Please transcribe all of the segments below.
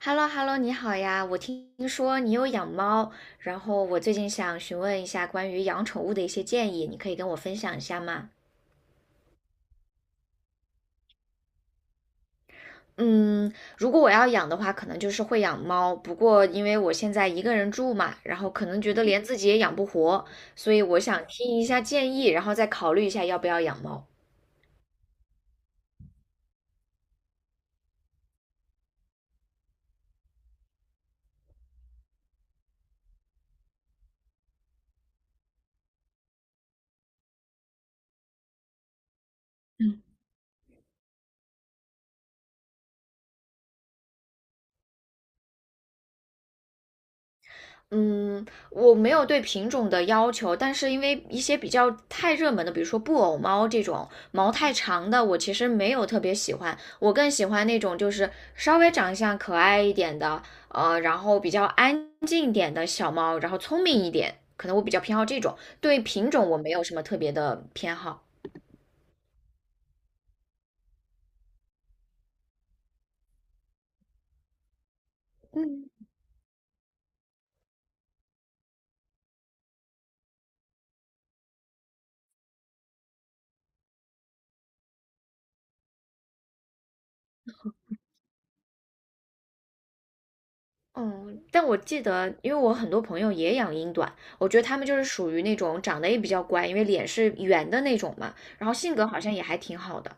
h e l l o h e l l o 你好呀！我听说你有养猫，然后我最近想询问一下关于养宠物的一些建议，你可以跟我分享一下吗？嗯，如果我要养的话，可能就是会养猫，不过因为我现在一个人住嘛，然后可能觉得连自己也养不活，所以我想听一下建议，然后再考虑一下要不要养猫。嗯，我没有对品种的要求，但是因为一些比较太热门的，比如说布偶猫这种毛太长的，我其实没有特别喜欢。我更喜欢那种就是稍微长相可爱一点的，然后比较安静一点的小猫，然后聪明一点，可能我比较偏好这种。对品种我没有什么特别的偏好。嗯。嗯，但我记得，因为我很多朋友也养英短，我觉得他们就是属于那种长得也比较乖，因为脸是圆的那种嘛，然后性格好像也还挺好的。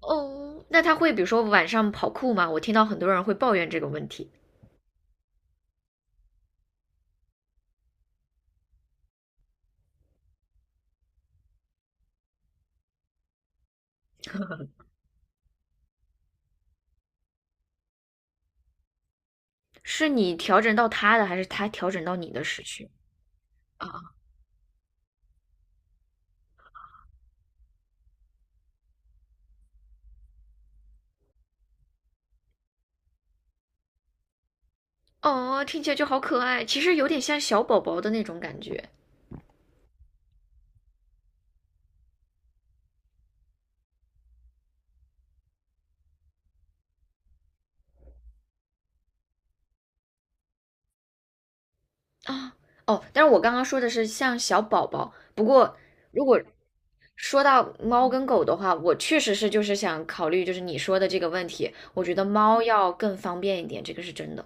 哦，那他会比如说晚上跑酷吗？我听到很多人会抱怨这个问题，是你调整到他的，还是他调整到你的时区啊？哦，听起来就好可爱，其实有点像小宝宝的那种感觉啊。哦，但是我刚刚说的是像小宝宝，不过如果说到猫跟狗的话，我确实是就是想考虑就是你说的这个问题，我觉得猫要更方便一点，这个是真的。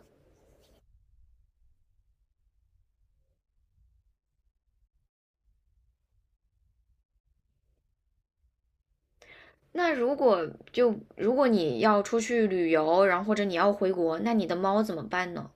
那如果就如果你要出去旅游，然后或者你要回国，那你的猫怎么办呢？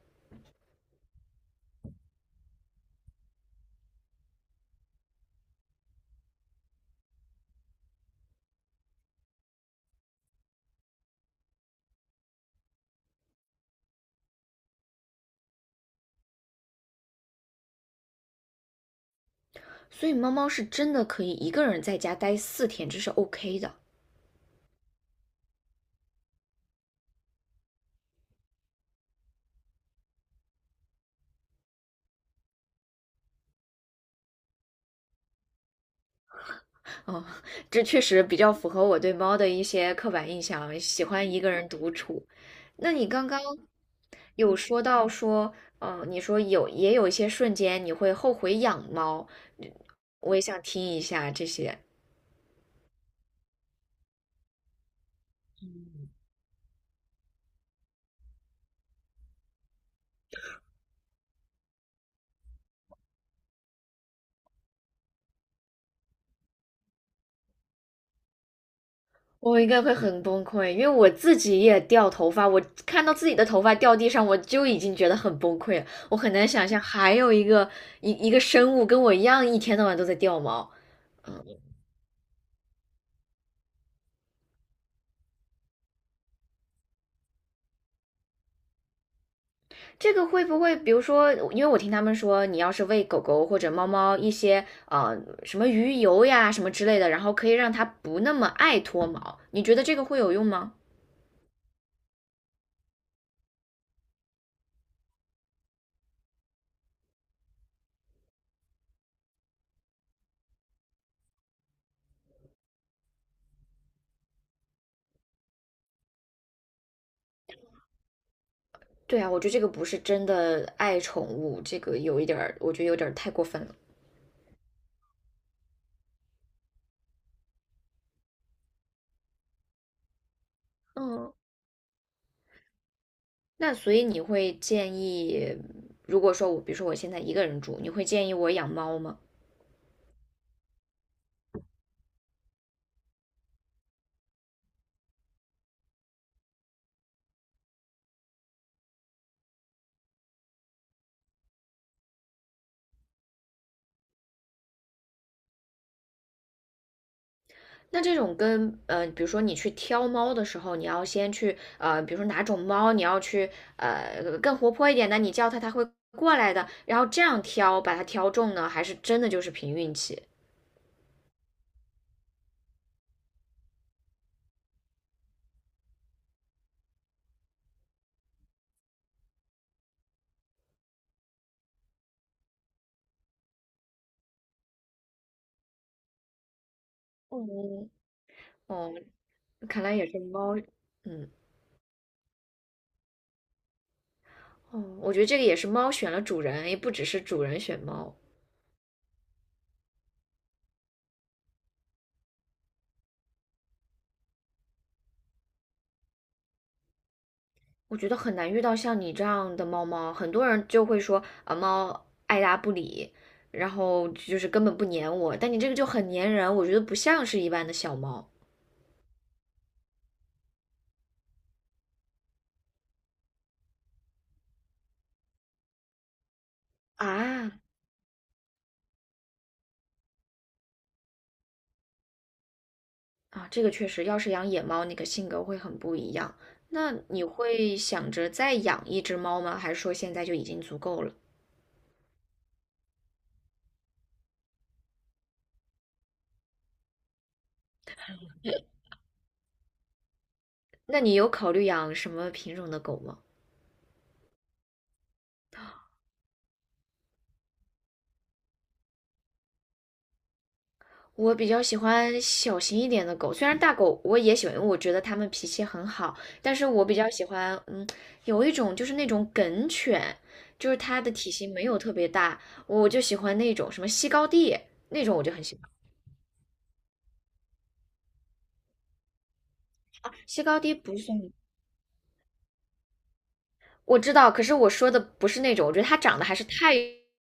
所以猫猫是真的可以一个人在家待四天，这是 OK 的。哦，这确实比较符合我对猫的一些刻板印象，喜欢一个人独处。那你刚刚有说到说，嗯，你说有也有一些瞬间你会后悔养猫，我也想听一下这些。我应该会很崩溃，因为我自己也掉头发，我看到自己的头发掉地上，我就已经觉得很崩溃了。我很难想象还有一个一个生物跟我一样，一天到晚都在掉毛。这个会不会，比如说，因为我听他们说，你要是喂狗狗或者猫猫一些什么鱼油呀什么之类的，然后可以让它不那么爱脱毛，你觉得这个会有用吗？对啊，我觉得这个不是真的爱宠物，这个有一点儿，我觉得有点儿太过分了。嗯，那所以你会建议，如果说我，比如说我现在一个人住，你会建议我养猫吗？那这种跟，比如说你去挑猫的时候，你要先去，比如说哪种猫你要去更活泼一点的，你叫它它会过来的，然后这样挑把它挑中呢，还是真的就是凭运气？嗯，哦，看来也是猫，嗯，哦，我觉得这个也是猫选了主人，也不只是主人选猫。我觉得很难遇到像你这样的猫猫，很多人就会说啊，猫爱答不理，然后就是根本不粘我。但你这个就很粘人，我觉得不像是一般的小猫啊。啊，这个确实，要是养野猫，那个性格会很不一样。那你会想着再养一只猫吗？还是说现在就已经足够了？那你有考虑养什么品种的狗吗？我比较喜欢小型一点的狗，虽然大狗我也喜欢，因为我觉得它们脾气很好，但是我比较喜欢，嗯，有一种就是那种梗犬，就是它的体型没有特别大，我就喜欢那种什么西高地那种，我就很喜欢。西高地不算，我知道，可是我说的不是那种，我觉得它长得还是太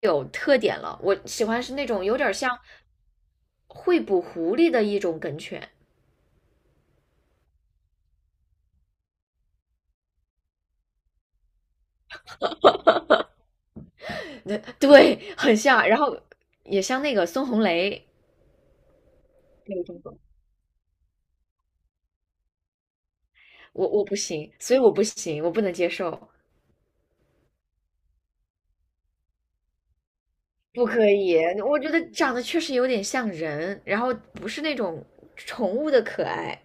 有特点了，我喜欢是那种有点像会捕狐狸的一种梗犬，对，很像，然后也像那个孙红雷那种狗。我不行，所以我不行，我不能接受，不可以。我觉得长得确实有点像人，然后不是那种宠物的可爱。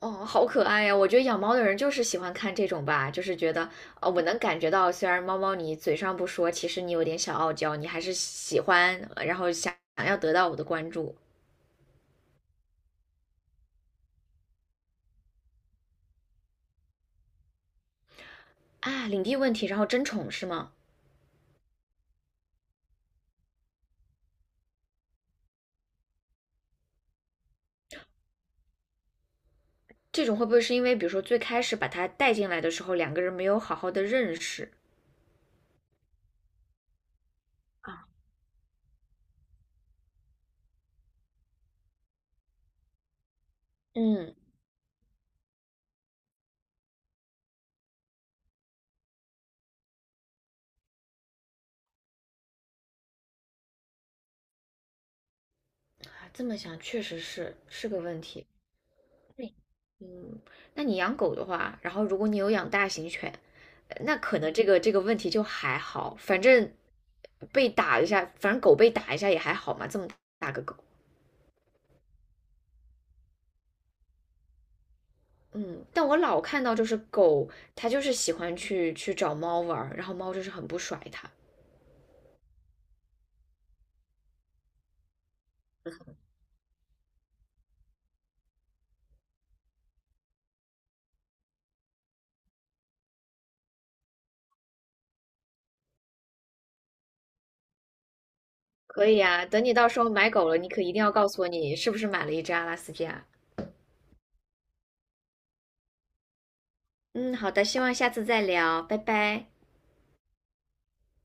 哦，好可爱呀！我觉得养猫的人就是喜欢看这种吧，就是觉得，我能感觉到，虽然猫猫你嘴上不说，其实你有点小傲娇，你还是喜欢，然后想要得到我的关注啊，领地问题，然后争宠是吗？这种会不会是因为，比如说最开始把它带进来的时候，两个人没有好好的认识啊？嗯。啊，这么想确实是个问题。对嗯，那你养狗的话，然后如果你有养大型犬，那可能这个问题就还好，反正被打一下，反正狗被打一下也还好嘛，这么大个狗。嗯，但我老看到就是狗，它就是喜欢去找猫玩儿，然后猫就是很不甩它。可以啊，等你到时候买狗了，你可一定要告诉我你是不是买了一只阿拉斯加。嗯，好的，希望下次再聊，拜拜。